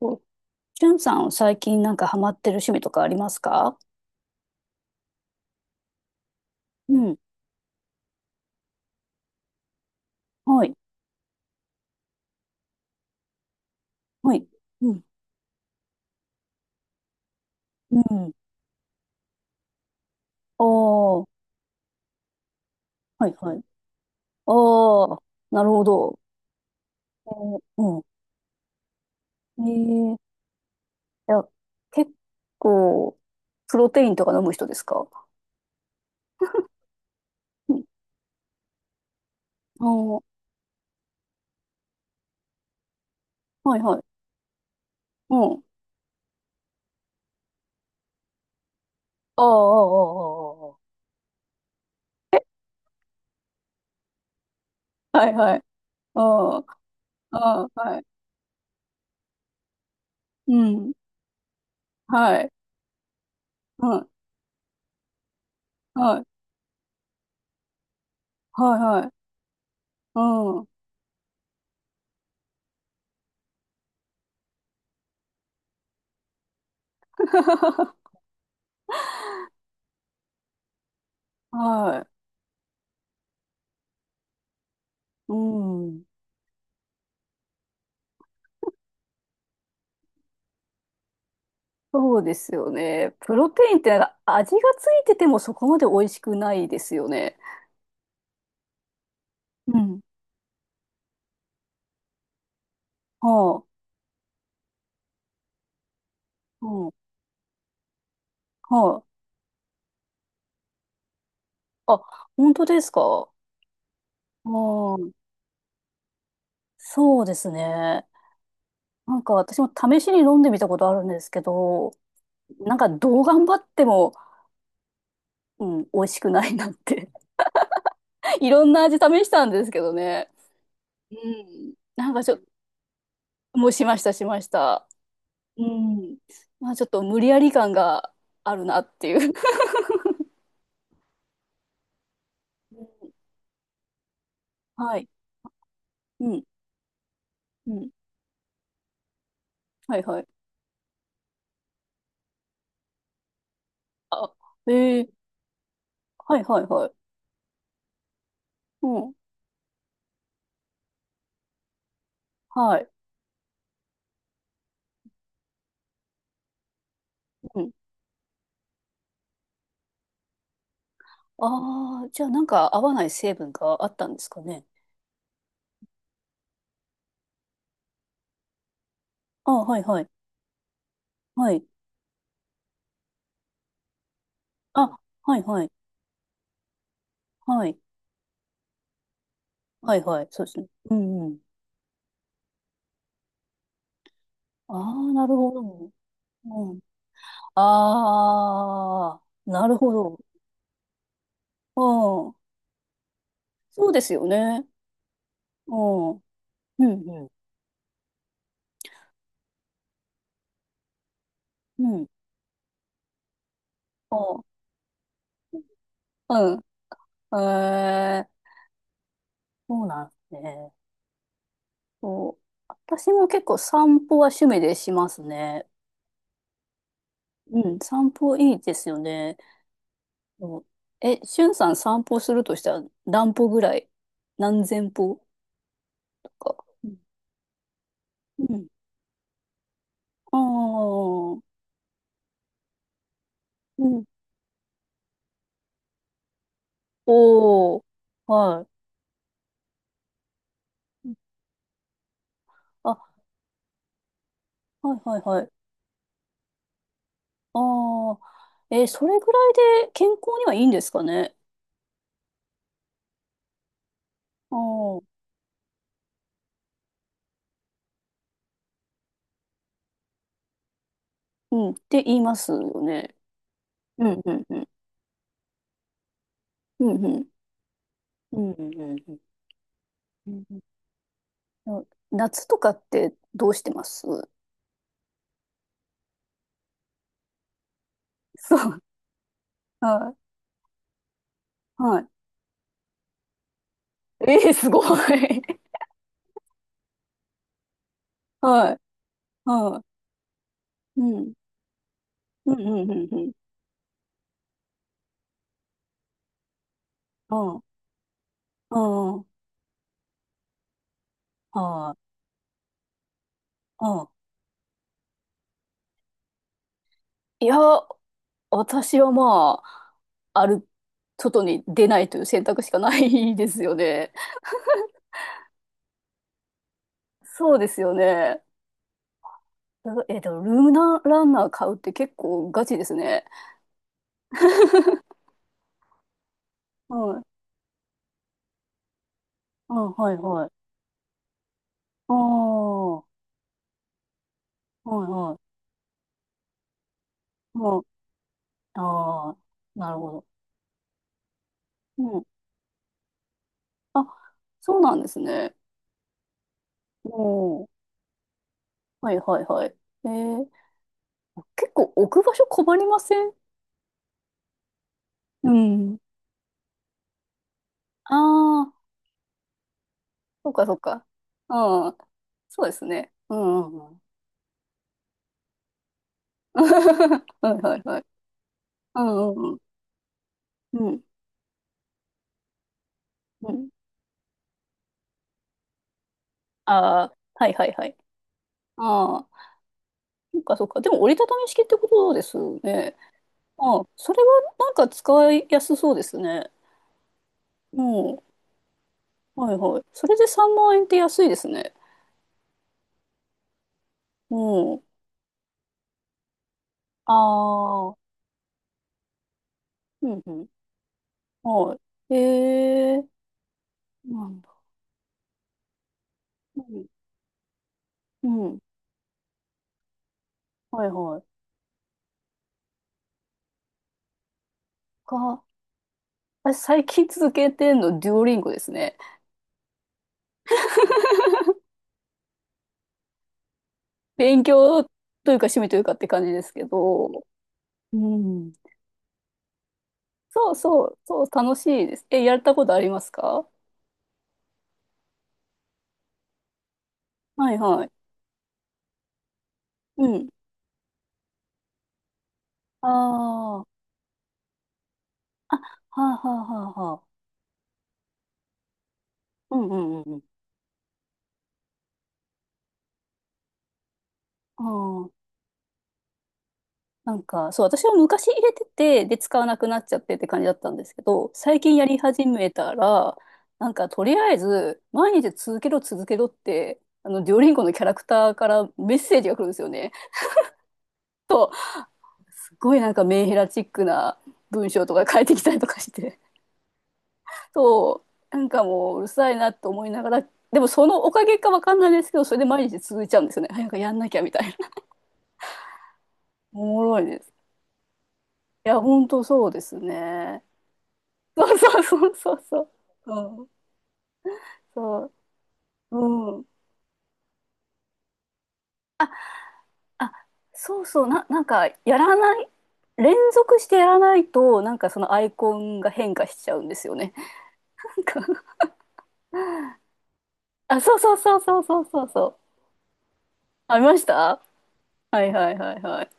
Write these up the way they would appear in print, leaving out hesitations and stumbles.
お、しゅんさんは最近なんかハマってる趣味とかありますか？うん。はい。はい。うん。うん。ああ、はいはい。ああ、なるほど。おーうん。ええいや、結構、プロテインとか飲む人ですか？うん。おー、はいはい。うん。ああ、ああ、あーあー、ああ。はいはい。ああ、ああ、はい。うん。はい。うん。はい。はいはい。うん。はい。うん。そうですよね。プロテインってなんか味がついててもそこまで美味しくないですよね。うん。はあ。うんはい。あ、本当ですか？うん。そうですね。なんか私も試しに飲んでみたことあるんですけど、なんかどう頑張っても、うん、美味しくないなって。 いろんな味試したんですけどね。うん。なんかちょっと、もうしました、しました。うん。まあちょっと無理やり感があるなっていう。はい。うん。うん。はいはい。あ、ええはいはいはい。うん。はい。うん。ああ、じゃあなんか合わない成分があったんですかね。あ、はいはい。はい。あ、はいはい。はい。はいはい。そうですね。うんうん。ああ、なるほど。うん。ああ、なるほど。うん。そうですよね。うん。うんうん。うん。ああうん。ええそうなんですね。そう私も結構散歩は趣味でしますね。うん、散歩いいですよね。そうえ、しゅんさん散歩するとしたら何歩ぐらい、何千歩とか？うん。ああー、うん。おー、はい。あ、はいはいはい。ああ、えー、それぐらいで健康にはいいんですかね？ああ、うん、って言いますよね。うんうんうん。うんうん。うんうんうんうん。うん夏とかってどうしてます？そう。はい。はい。ええすごい。はい。はい。うん。うん、うん、うん、うん。うん。うん。はい。うん。いや、私はまあ、ある、外に出ないという選択しかないですよね。そうですよね。えっと、でもルームナランナー買うって結構ガチですね。はい。うん、はい、はい。ああ、はい、はい。うん、ああ、なるほど。あ、そうなんですね。もう、はいはいはい。えー、結構置く場所困りません？うん。ああ、そうかそうか。うん。そうですね。うんうんうん。はいはいはい。うんうんうん。うんうん。ああ、はいはいはい。ああ、そうかそうか。でも折りたたみ式ってことですよね。ああ、それはなんか使いやすそうですね。うん。はいはい。それで3万円って安いですね。うん。ああ、うんうん。はい。えー、なんだ。うん。うん。はいはい。か、私最近続けてんの、デュオリンゴですね。勉強というか趣味というかって感じですけど。うん。そうそう、そう、楽しいです。え、やったことありますか？はいはい。うん。ああ。あ、はあはあはあはあ。うんうんうんうん。ああなんか、そう、私は昔入れてて、で、使わなくなっちゃってって感じだったんですけど、最近やり始めたら、なんか、とりあえず、毎日続けろ続けろって、あの、デュオリンゴのキャラクターからメッセージが来るんですよね。すごいなんかメンヘラチックな文章とか書いてきたりとかして。そう、なんかもううるさいなと思いながら、でもそのおかげかわかんないですけど、それで毎日続いちゃうんですよね。早くやんなきゃみたいな。おもろいです。いや、ほんとそうですね。そうそうそうそうそう。うんそう、うん。あ、そうそう、やらない、連続してやらないと、なんかそのアイコンが変化しちゃうんですよね。なんかあ、そうそうそうそうそうそうそう。ありました？はいはいはいはい。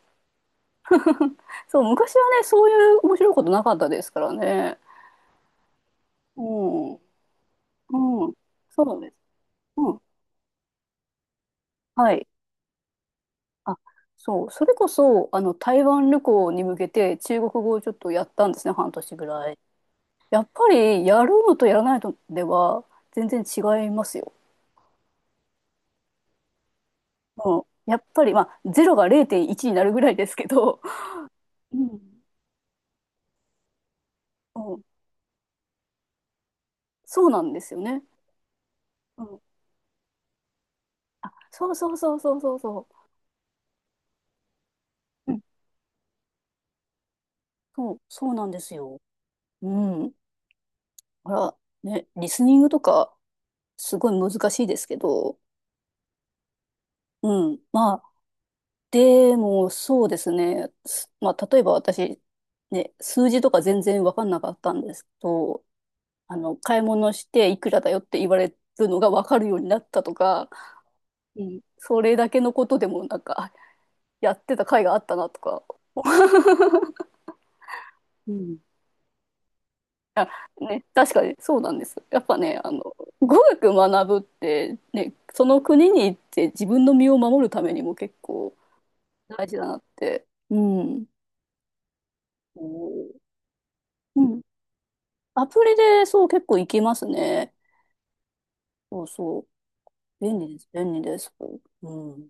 そう、昔はね、そういう面白いことなかったですからね。うん、うん、そうなんです。うん、はい。あ、そう、それこそ、あの、台湾旅行に向けて中国語をちょっとやったんですね、半年ぐらい。やっぱりやるのとやらないのでは全然違いますよ。うん、やっぱり、まあ、0が0.1になるぐらいですけど、うん、うん、そうなんですよね。うん、そうそうそうそうそうそう。うん、そう、そうなんですよ。うん。あら、ね、リスニングとかすごい難しいですけど、うん。まあ、でもそうですね。まあ、例えば私、ね、数字とか全然わかんなかったんですけど、あの、買い物していくらだよって言われるのが分かるようになったとか、うん、それだけのことでもなんか、あやってた甲斐があったなとか、うん。あね、確かにそうなんです。やっぱね、あの、語学学ぶって、ね、その国に行って自分の身を守るためにも結構大事だなって。うん。そううん。アプリでそう結構いけますね。そうそう。便利です。便利です。うん。